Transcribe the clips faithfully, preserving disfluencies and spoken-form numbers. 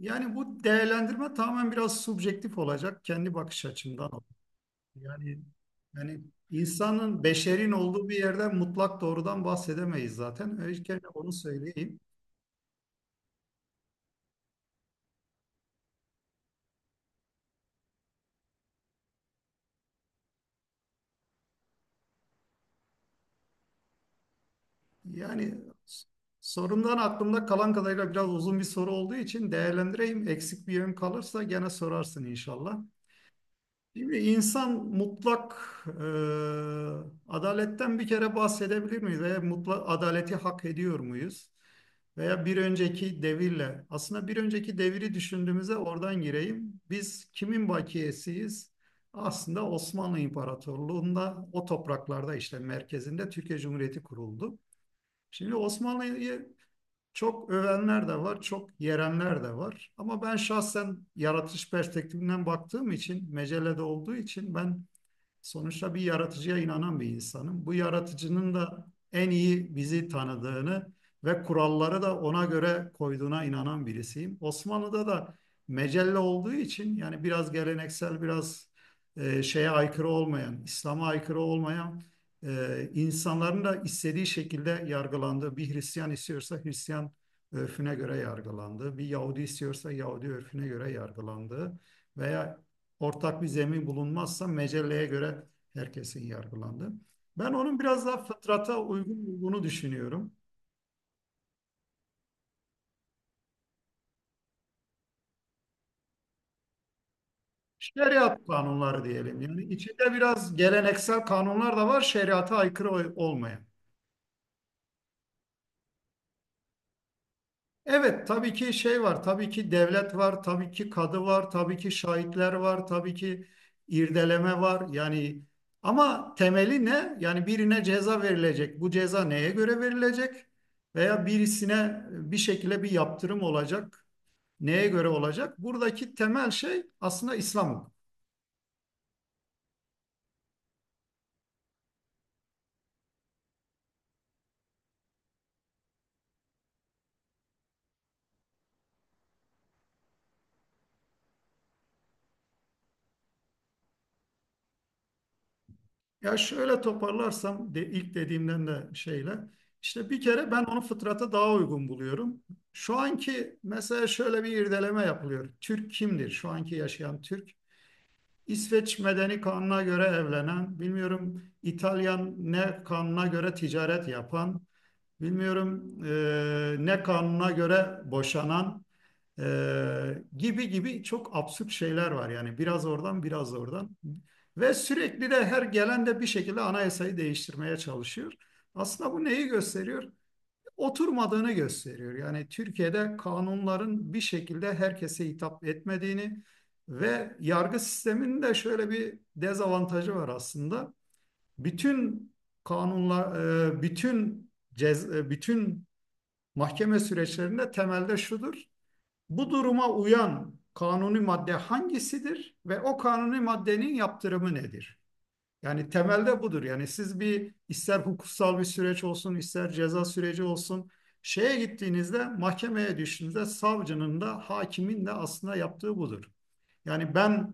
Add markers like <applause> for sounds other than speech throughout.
Yani bu değerlendirme tamamen biraz subjektif olacak. Kendi bakış açımdan olacak. Yani yani insanın, beşerin olduğu bir yerden mutlak doğrudan bahsedemeyiz zaten. Öncelikle onu söyleyeyim. Yani s- sorumdan aklımda kalan kadarıyla biraz uzun bir soru olduğu için değerlendireyim. Eksik bir yön kalırsa gene sorarsın inşallah. Şimdi insan mutlak e, adaletten bir kere bahsedebilir miyiz? Veya mutlak adaleti hak ediyor muyuz? Veya bir önceki devirle, aslında bir önceki deviri düşündüğümüzde oradan gireyim. Biz kimin bakiyesiyiz? Aslında Osmanlı İmparatorluğu'nda o topraklarda işte merkezinde Türkiye Cumhuriyeti kuruldu. Şimdi Osmanlı'yı çok övenler de var, çok yerenler de var. Ama ben şahsen yaratış perspektifinden baktığım için, mecelede olduğu için ben. Sonuçta bir yaratıcıya inanan bir insanım. Bu yaratıcının da en iyi bizi tanıdığını ve kuralları da ona göre koyduğuna inanan birisiyim. Osmanlı'da da mecelle olduğu için yani biraz geleneksel, biraz e, şeye aykırı olmayan, İslam'a aykırı olmayan e, insanların da istediği şekilde yargılandığı, bir Hristiyan istiyorsa Hristiyan örfüne göre yargılandığı, bir Yahudi istiyorsa Yahudi örfüne göre yargılandığı veya ortak bir zemin bulunmazsa mecelleye göre herkesin yargılandığı. Ben onun biraz daha fıtrata uygun olduğunu düşünüyorum. Şeriat kanunları diyelim. Yani içinde biraz geleneksel kanunlar da var, şeriata aykırı olmayan. Evet, tabii ki şey var, tabii ki devlet var, tabii ki kadı var, tabii ki şahitler var, tabii ki irdeleme var. Yani ama temeli ne? Yani birine ceza verilecek. Bu ceza neye göre verilecek? Veya birisine bir şekilde bir yaptırım olacak. Neye göre olacak? Buradaki temel şey aslında İslam hukuku. Ya şöyle toparlarsam de, ilk dediğimden de şeyle işte bir kere ben onu fıtrata daha uygun buluyorum. Şu anki mesela şöyle bir irdeleme yapılıyor. Türk kimdir? Şu anki yaşayan Türk. İsveç Medeni kanuna göre evlenen, bilmiyorum İtalyan ne kanuna göre ticaret yapan, bilmiyorum e, ne kanuna göre boşanan e, gibi gibi çok absürt şeyler var. Yani biraz oradan biraz oradan ve sürekli de her gelen de bir şekilde anayasayı değiştirmeye çalışıyor. Aslında bu neyi gösteriyor? Oturmadığını gösteriyor. Yani Türkiye'de kanunların bir şekilde herkese hitap etmediğini ve yargı sisteminin de şöyle bir dezavantajı var aslında. Bütün kanunlar, e, bütün cez, e, bütün mahkeme süreçlerinde temelde şudur. Bu duruma uyan kanuni madde hangisidir ve o kanuni maddenin yaptırımı nedir? Yani temelde budur. Yani siz bir ister hukuksal bir süreç olsun, ister ceza süreci olsun, şeye gittiğinizde, mahkemeye düştüğünüzde savcının da hakimin de aslında yaptığı budur. Yani ben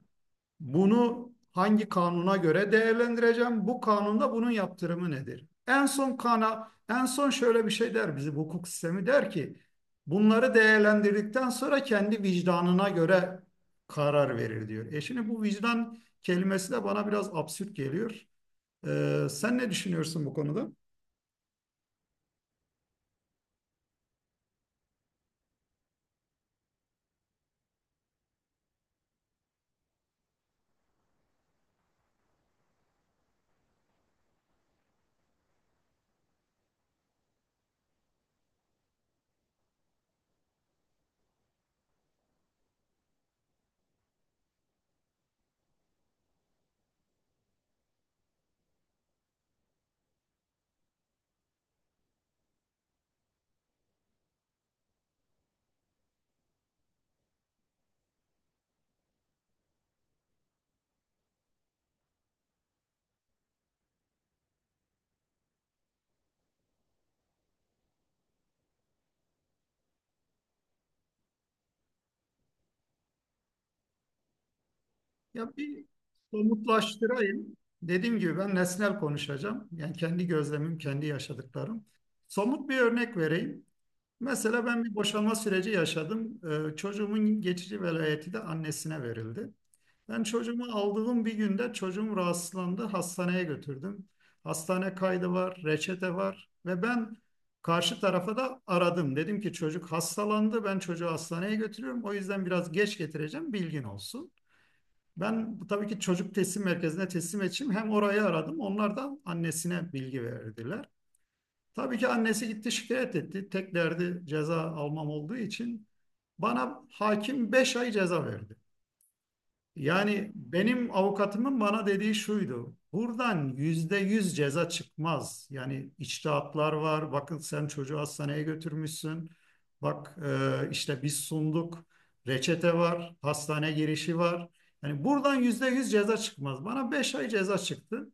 bunu hangi kanuna göre değerlendireceğim? Bu kanunda bunun yaptırımı nedir? En son kana, en son şöyle bir şey der bizim hukuk sistemi der ki, bunları değerlendirdikten sonra kendi vicdanına göre karar verir diyor. E şimdi bu vicdan kelimesi de bana biraz absürt geliyor. Ee, sen ne düşünüyorsun bu konuda? Ya bir somutlaştırayım. Dediğim gibi ben nesnel konuşacağım. Yani kendi gözlemim, kendi yaşadıklarım. Somut bir örnek vereyim. Mesela ben bir boşanma süreci yaşadım. Ee, çocuğumun geçici velayeti de annesine verildi. Ben çocuğumu aldığım bir günde çocuğum rahatsızlandı. Hastaneye götürdüm. Hastane kaydı var, reçete var ve ben karşı tarafa da aradım. Dedim ki çocuk hastalandı. Ben çocuğu hastaneye götürüyorum. O yüzden biraz geç getireceğim. Bilgin olsun. Ben bu- tabii ki çocuk teslim merkezine teslim edeceğim. Hem orayı aradım. Onlar da annesine bilgi verdiler. Tabii ki annesi gitti şikayet etti. Tek derdi ceza almam olduğu için bana hakim beş ay ceza verdi. Yani benim avukatımın bana dediği şuydu. Buradan yüzde yüz ceza çıkmaz. Yani içtihatlar var. Bakın sen çocuğu hastaneye götürmüşsün. Bak e, işte biz sunduk. Reçete var. Hastane girişi var. Yani buradan yüzde yüz ceza çıkmaz. Bana beş ay ceza çıktı.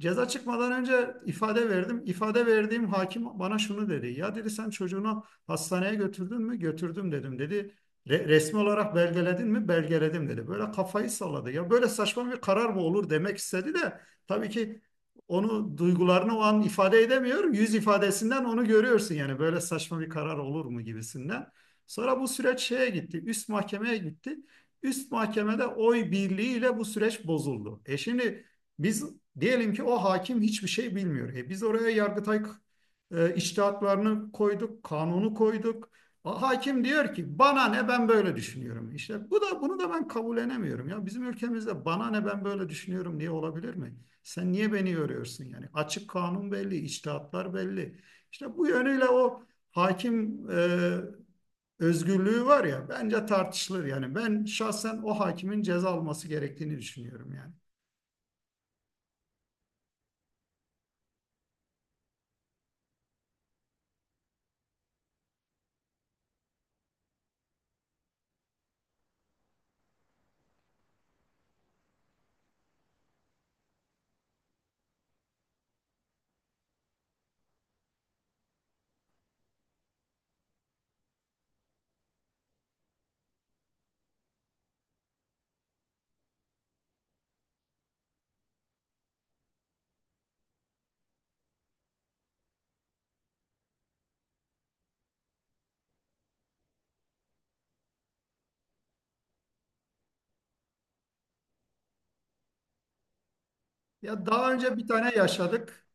Ceza çıkmadan önce ifade verdim. İfade verdiğim hakim bana şunu dedi. Ya dedi sen çocuğunu hastaneye götürdün mü? Götürdüm dedim. Dedi "Re- resmi olarak belgeledin mi? Belgeledim dedi. Böyle kafayı salladı. Ya böyle saçma bir karar mı olur demek istedi de tabii ki onu duygularını o an ifade edemiyor. Yüz ifadesinden onu görüyorsun yani böyle saçma bir karar olur mu gibisinden. Sonra bu süreç şeye gitti. Üst mahkemeye gitti. Üst mahkemede oy birliğiyle bu süreç bozuldu. E şimdi biz diyelim ki o hakim hiçbir şey bilmiyor. E biz oraya Yargıtay e, içtihatlarını koyduk, kanunu koyduk. O hakim diyor ki bana ne ben böyle düşünüyorum. İşte bu da bunu da ben kabullenemiyorum. Ya bizim ülkemizde bana ne ben böyle düşünüyorum diye olabilir mi? Sen niye beni yoruyorsun yani? Açık kanun belli, içtihatlar belli. İşte bu yönüyle o hakim e, özgürlüğü var ya bence tartışılır yani. Ben şahsen o hakimin ceza alması gerektiğini düşünüyorum yani. Ya daha önce bir tane yaşadık.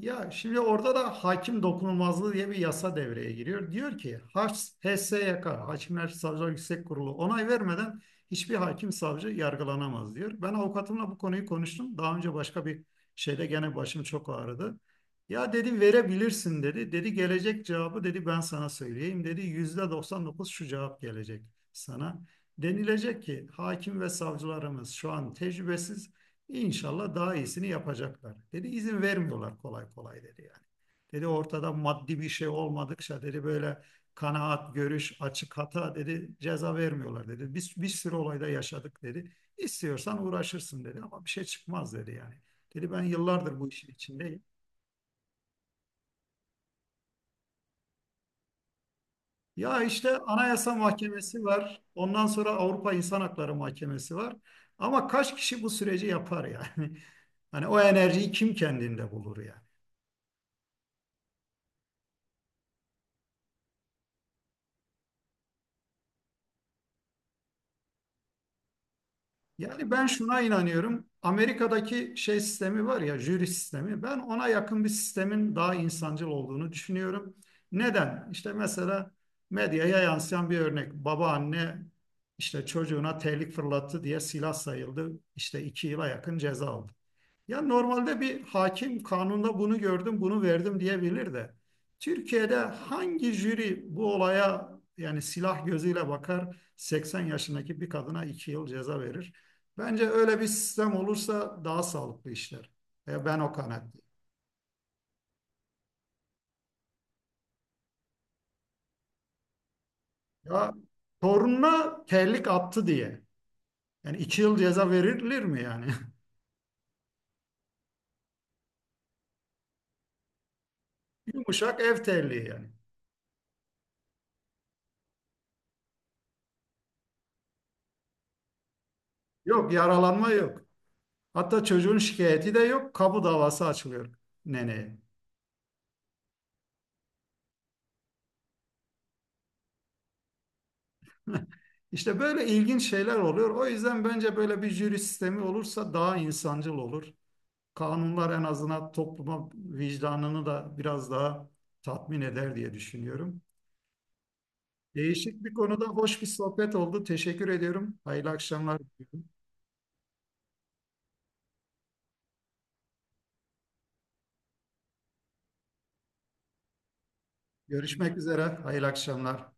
Ya şimdi orada da hakim dokunulmazlığı diye bir yasa devreye giriyor. Diyor ki Haş- H S Y K, Hakimler Savcılar Yüksek Kurulu onay vermeden hiçbir hakim savcı yargılanamaz diyor. Ben avukatımla bu konuyu konuştum. Daha önce başka bir şeyde gene başım çok ağrıdı. Ya dedi verebilirsin dedi. Dedi gelecek cevabı dedi ben sana söyleyeyim dedi. yüzde doksan dokuz şu cevap gelecek sana. Denilecek ki hakim ve savcılarımız şu an tecrübesiz. İnşallah daha iyisini yapacaklar. Dedi izin vermiyorlar kolay kolay dedi yani. Dedi ortada maddi bir şey olmadıkça dedi böyle kanaat, görüş, açık hata dedi ceza vermiyorlar dedi. Biz bir sürü olayda yaşadık dedi. İstiyorsan uğraşırsın dedi ama bir şey çıkmaz dedi yani. Dedi ben yıllardır bu işin içindeyim. Ya işte Anayasa Mahkemesi var. Ondan sonra Avrupa İnsan Hakları Mahkemesi var. Ama kaç kişi bu süreci yapar yani? <laughs> Hani o enerjiyi kim kendinde bulur yani? Yani ben şuna inanıyorum. Amerika'daki şey sistemi var ya, jüri sistemi. Ben ona yakın bir sistemin daha insancıl olduğunu düşünüyorum. Neden? İşte mesela medyaya yansıyan bir örnek. Babaanne işte çocuğuna terlik fırlattı diye silah sayıldı. İşte iki yıla yakın ceza aldı. Ya normalde bir hakim kanunda bunu gördüm, bunu verdim diyebilir de. Türkiye'de hangi jüri bu olaya yani silah gözüyle bakar seksen yaşındaki bir kadına iki yıl ceza verir? Bence öyle bir sistem olursa daha sağlıklı işler. E, ben o kanaatteyim. Ya torununa terlik attı diye. Yani iki yıl ceza verilir mi yani? <laughs> Yumuşak ev terliği yani. Yok yaralanma yok. Hatta çocuğun şikayeti de yok. Kamu davası açılıyor neneye. <laughs> İşte böyle ilginç şeyler oluyor. O yüzden bence böyle bir jüri sistemi olursa daha insancıl olur. Kanunlar en azından topluma vicdanını da biraz daha tatmin eder diye düşünüyorum. Değişik bir konuda hoş bir sohbet oldu. Teşekkür ediyorum. Hayırlı akşamlar diliyorum. Görüşmek üzere. Hayırlı akşamlar.